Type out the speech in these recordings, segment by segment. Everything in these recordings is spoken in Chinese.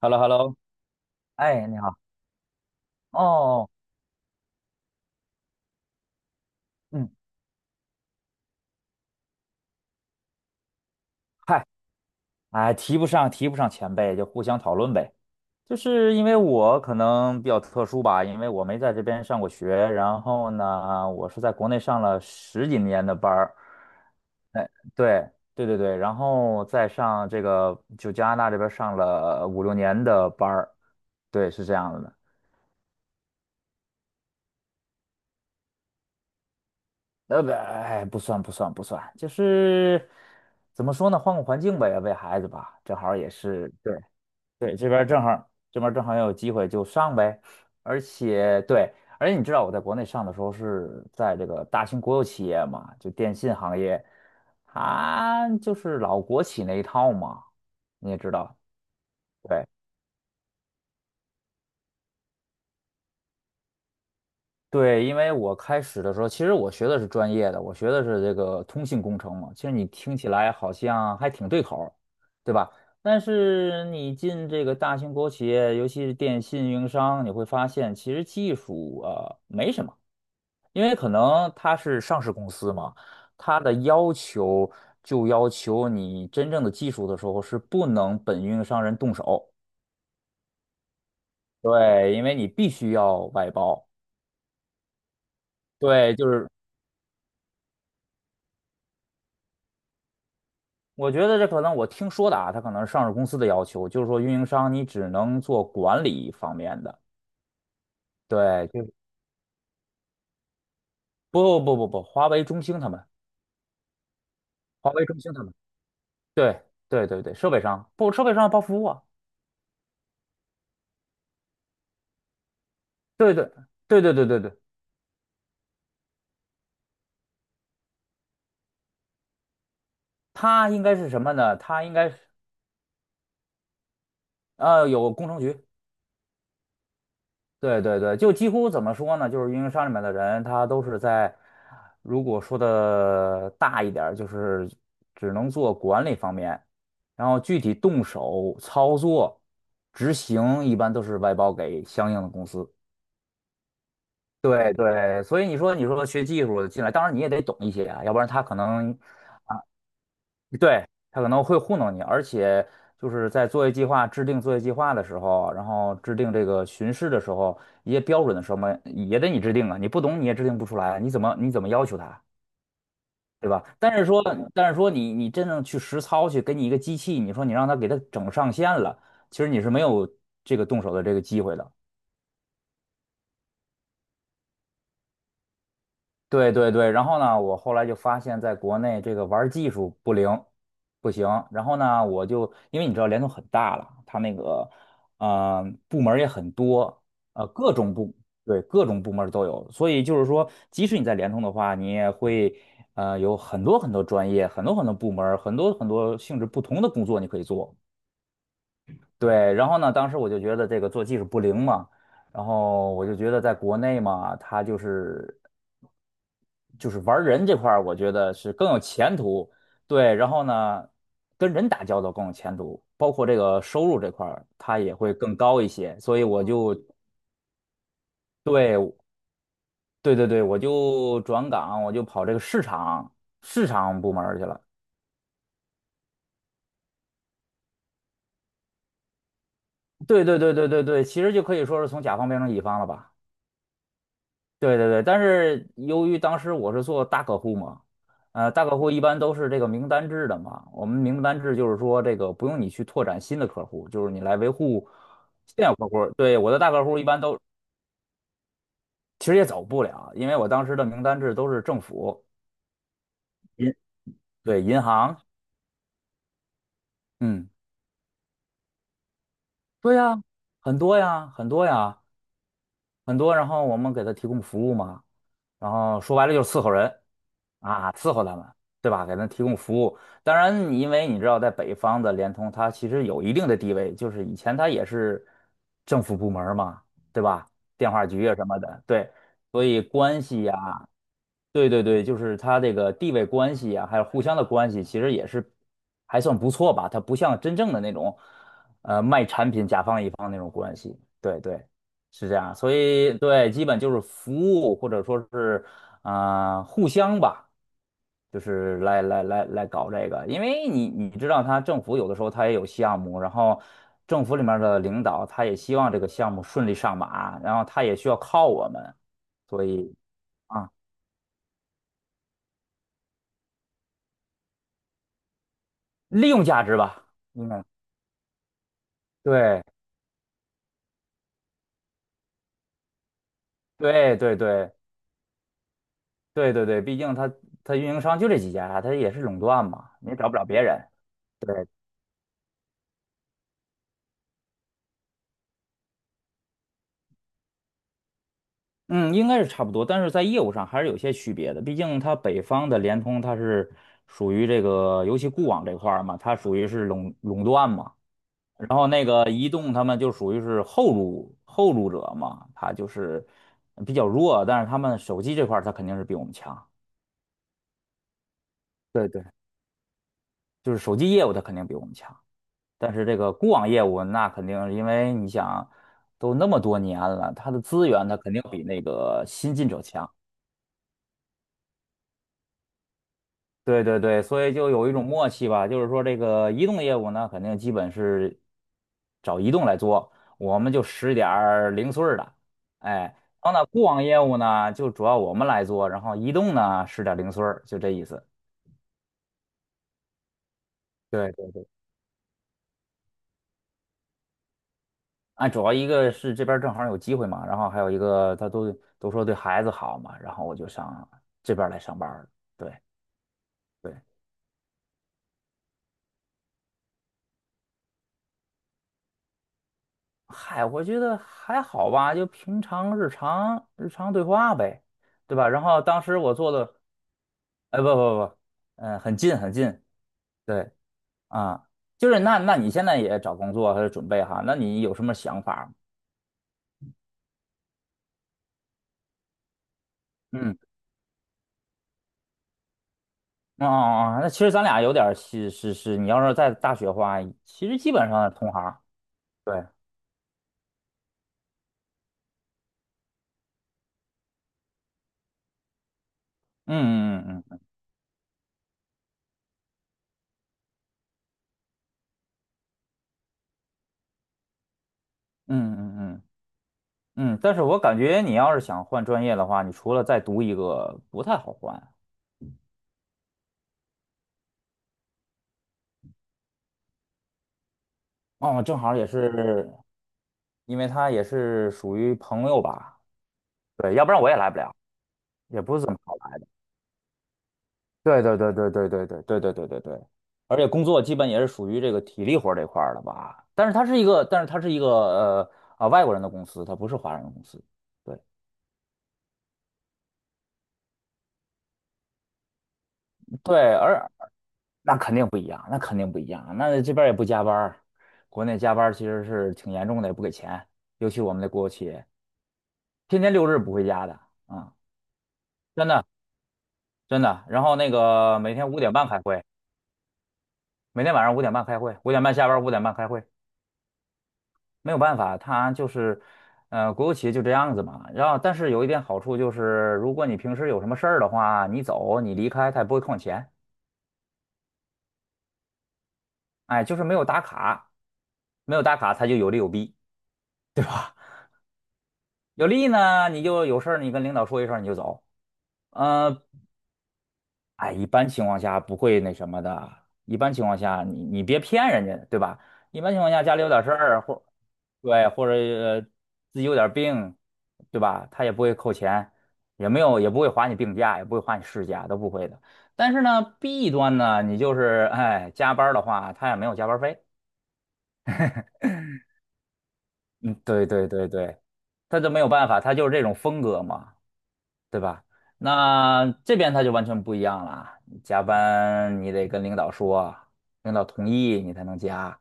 h e l l o h e l l o 哎，你好。哦，嗯，嗨，哎，提不上前辈，就互相讨论呗。就是因为我可能比较特殊吧，因为我没在这边上过学，然后呢，我是在国内上了十几年的班儿。哎，对，对对对，然后再上这个就加拿大这边上了五六年的班儿。对，是这样子的。呃，不，哎，不算，不算，不算，就是怎么说呢，换个环境呗，为孩子吧，正好也是对。对，这边儿正好也有机会就上呗。而且对，而且你知道我在国内上的时候是在这个大型国有企业嘛，就电信行业，它就是老国企那一套嘛，你也知道。对对，因为我开始的时候，其实我学的是专业的，我学的是这个通信工程嘛。其实你听起来好像还挺对口儿对吧？但是你进这个大型国有企业，尤其是电信运营商，你会发现其实技术啊、没什么。因为可能它是上市公司嘛，它的要求就要求你真正的技术的时候是不能本运营商人动手，对，因为你必须要外包，对，就是我觉得这可能我听说的啊，它可能是上市公司的要求，就是说运营商你只能做管理方面的，对，就不不不不，华为、中兴他们，华为、中兴他们，对对对对，设备商不，设备商包服务啊，对对对对对对对。它应该是什么呢？它应该是有工程局，对对对，就几乎怎么说呢？就是运营商里面的人，他都是在，如果说的大一点儿就是只能做管理方面，然后具体动手操作、执行，一般都是外包给相应的公司。对对，所以你说你说学技术的进来，当然你也得懂一些啊，要不然他可能对，他可能会糊弄你，而且就是在作业计划制定作业计划的时候，然后制定这个巡视的时候，一些标准的什么也得你制定啊，你不懂你也制定不出来，你怎么要求他，对吧？但是说你真正去实操去给你一个机器，你说你让他给他整上线了，其实你是没有这个动手的这个机会的。对对对，然后呢，我后来就发现，在国内这个玩儿技术不灵，不行。然后呢，我就因为你知道联通很大了，它那个部门儿也很多，呃各种部对各种部门儿都有，所以就是说，即使你在联通的话，你也会有很多很多专业，很多很多部门儿很多很多性质不同的工作你可以做。对，然后呢，当时我就觉得这个做技术不灵嘛，然后我就觉得在国内嘛，它就是。就是玩人这块儿，我觉得是更有前途。对，然后呢，跟人打交道更有前途，包括这个收入这块儿，它也会更高一些。所以我就对对对对，我就转岗，我就跑这个市场部门儿去了。对对对对对对，其实就可以说是从甲方变成乙方了吧。对对对，但是由于当时我是做大客户嘛，大客户一般都是这个名单制的嘛。我们名单制就是说，这个不用你去拓展新的客户，就是你来维护现有客户。对，我的大客户一般都其实也走不了，因为我当时的名单制都是政府、银，对，银行，嗯，对呀，很多呀，很多呀。很多，然后我们给他提供服务嘛，然后说白了就是伺候人啊，伺候他们，对吧？给他提供服务。当然，因为你知道，在北方的联通，它其实有一定的地位，就是以前它也是政府部门儿嘛，对吧？电话局啊什么的，对，所以关系呀、对对对，就是它这个地位关系呀，还有互相的关系，其实也是还算不错吧。它不像真正的那种，呃，对对，是这样，所以对，基本就是服务或者说是啊、互相吧，就是来搞这个，因为你知道，他政府有的时候他也有项目，然后政府里面的领导他也希望这个项目顺利上马，然后他也需要靠我们，所以啊，利用价值吧，嗯，对对对对对对对，毕竟他运营商就这几家，他也是垄断嘛，你也找不了别人。对。嗯，应该是差不多，但是在业务上还是有些区别的。毕竟它北方的联通，它是属于这个，尤其固网这块儿嘛，它属于是垄断嘛。然后那个移动，他们就属于是后入者嘛，它就是比较弱。但是他们手机这块，儿，它肯定是比我们强，对对，就是手机业务它肯定比我们强。但是这个固网业务，那肯定因为你想，都那么多年了，它的资源它肯定比那个新进者强。对对对，所以就有一种默契吧，就是说这个移动业务呢，肯定基本是找移动来做，我们就使点儿零碎儿的，哎，然后呢，固网业务呢就主要我们来做，然后移动呢使点儿零碎儿，就这意思。对对对，啊，主要一个是这边儿正好有机会嘛，然后还有一个他都都说对孩子好嘛，然后我就上这边儿来上班儿了。对对，嗨，我觉得还好吧，就平常日常对话呗，对吧？然后当时我做的，哎，不不不，嗯、很近，对啊，就是那你现在也找工作还是准备哈？那你有什么想法吗？嗯，哦哦哦，那其实咱俩有点儿是，你要是在大学的话，其实基本上是同行儿。对，嗯嗯嗯嗯嗯嗯嗯嗯，嗯但是我感觉你要是想换专业的话，你除了再读一个，不太好换。哦，正好也是，因为他也是属于朋友吧，对，要不然我也来不了，也不是怎么好来。对对对对对对对对对对对对，而且工作基本也是属于这个体力活儿这块儿的吧，但是它是一个，但是它是一个啊外国人的公司，它不是华人的公司，对对，而那肯定不一样，那肯定不一样，那这边儿也不加班儿，国内加班儿其实是挺严重的，也不给钱，尤其我们的国有企业，天天六日不回家的啊。真的，真的。然后那个每天五点半开会，每天晚上五点半开会，五点半下班，五点半开会，没有办法，他就是，国有企业就这样子嘛。然后，但是有一点好处就是，如果你平时有什么事儿的话，你走你离开，他也不会扣你钱。哎，就是没有打卡，没有打卡，他就有利有弊。有利呢，你就有事儿你跟领导说一声你就走。嗯、哎，一般情况下不会那什么的。一般情况下你，你别骗人家，对吧？一般情况下，家里有点事儿，或对，或者自己有点病，对吧？他也不会扣钱，也没有，也不会划你病假，也不会划你事假，都不会的。但是呢，弊端呢，你就是哎，加班儿的话，他也没有加班儿费。嗯，对对对对，他就没有办法，他就是这种风格嘛。对吧？那这边他就完全不一样了，你加班你得跟领导说，领导同意你才能加，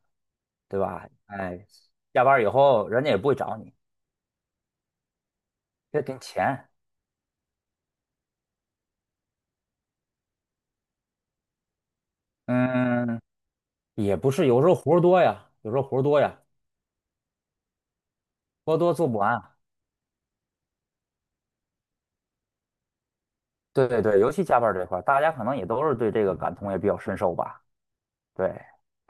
对吧？哎，下班以后人家也不会找你，这给你钱，嗯，也不是，有时候活儿多呀，有时候活儿多呀，活儿多做不完。对对对，尤其加班儿这块儿大家可能也都是对这个感同也比较深受吧。对，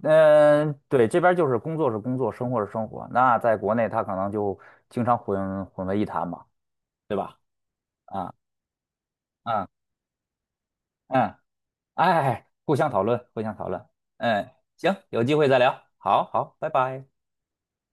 嗯，对，这边儿就是工作是工作，生活是生活。那在国内，他可能就经常混混为一谈嘛，对吧？啊。嗯嗯，哎，哎哎互相讨论，互相讨论。嗯，行，有机会再聊。好好，拜拜。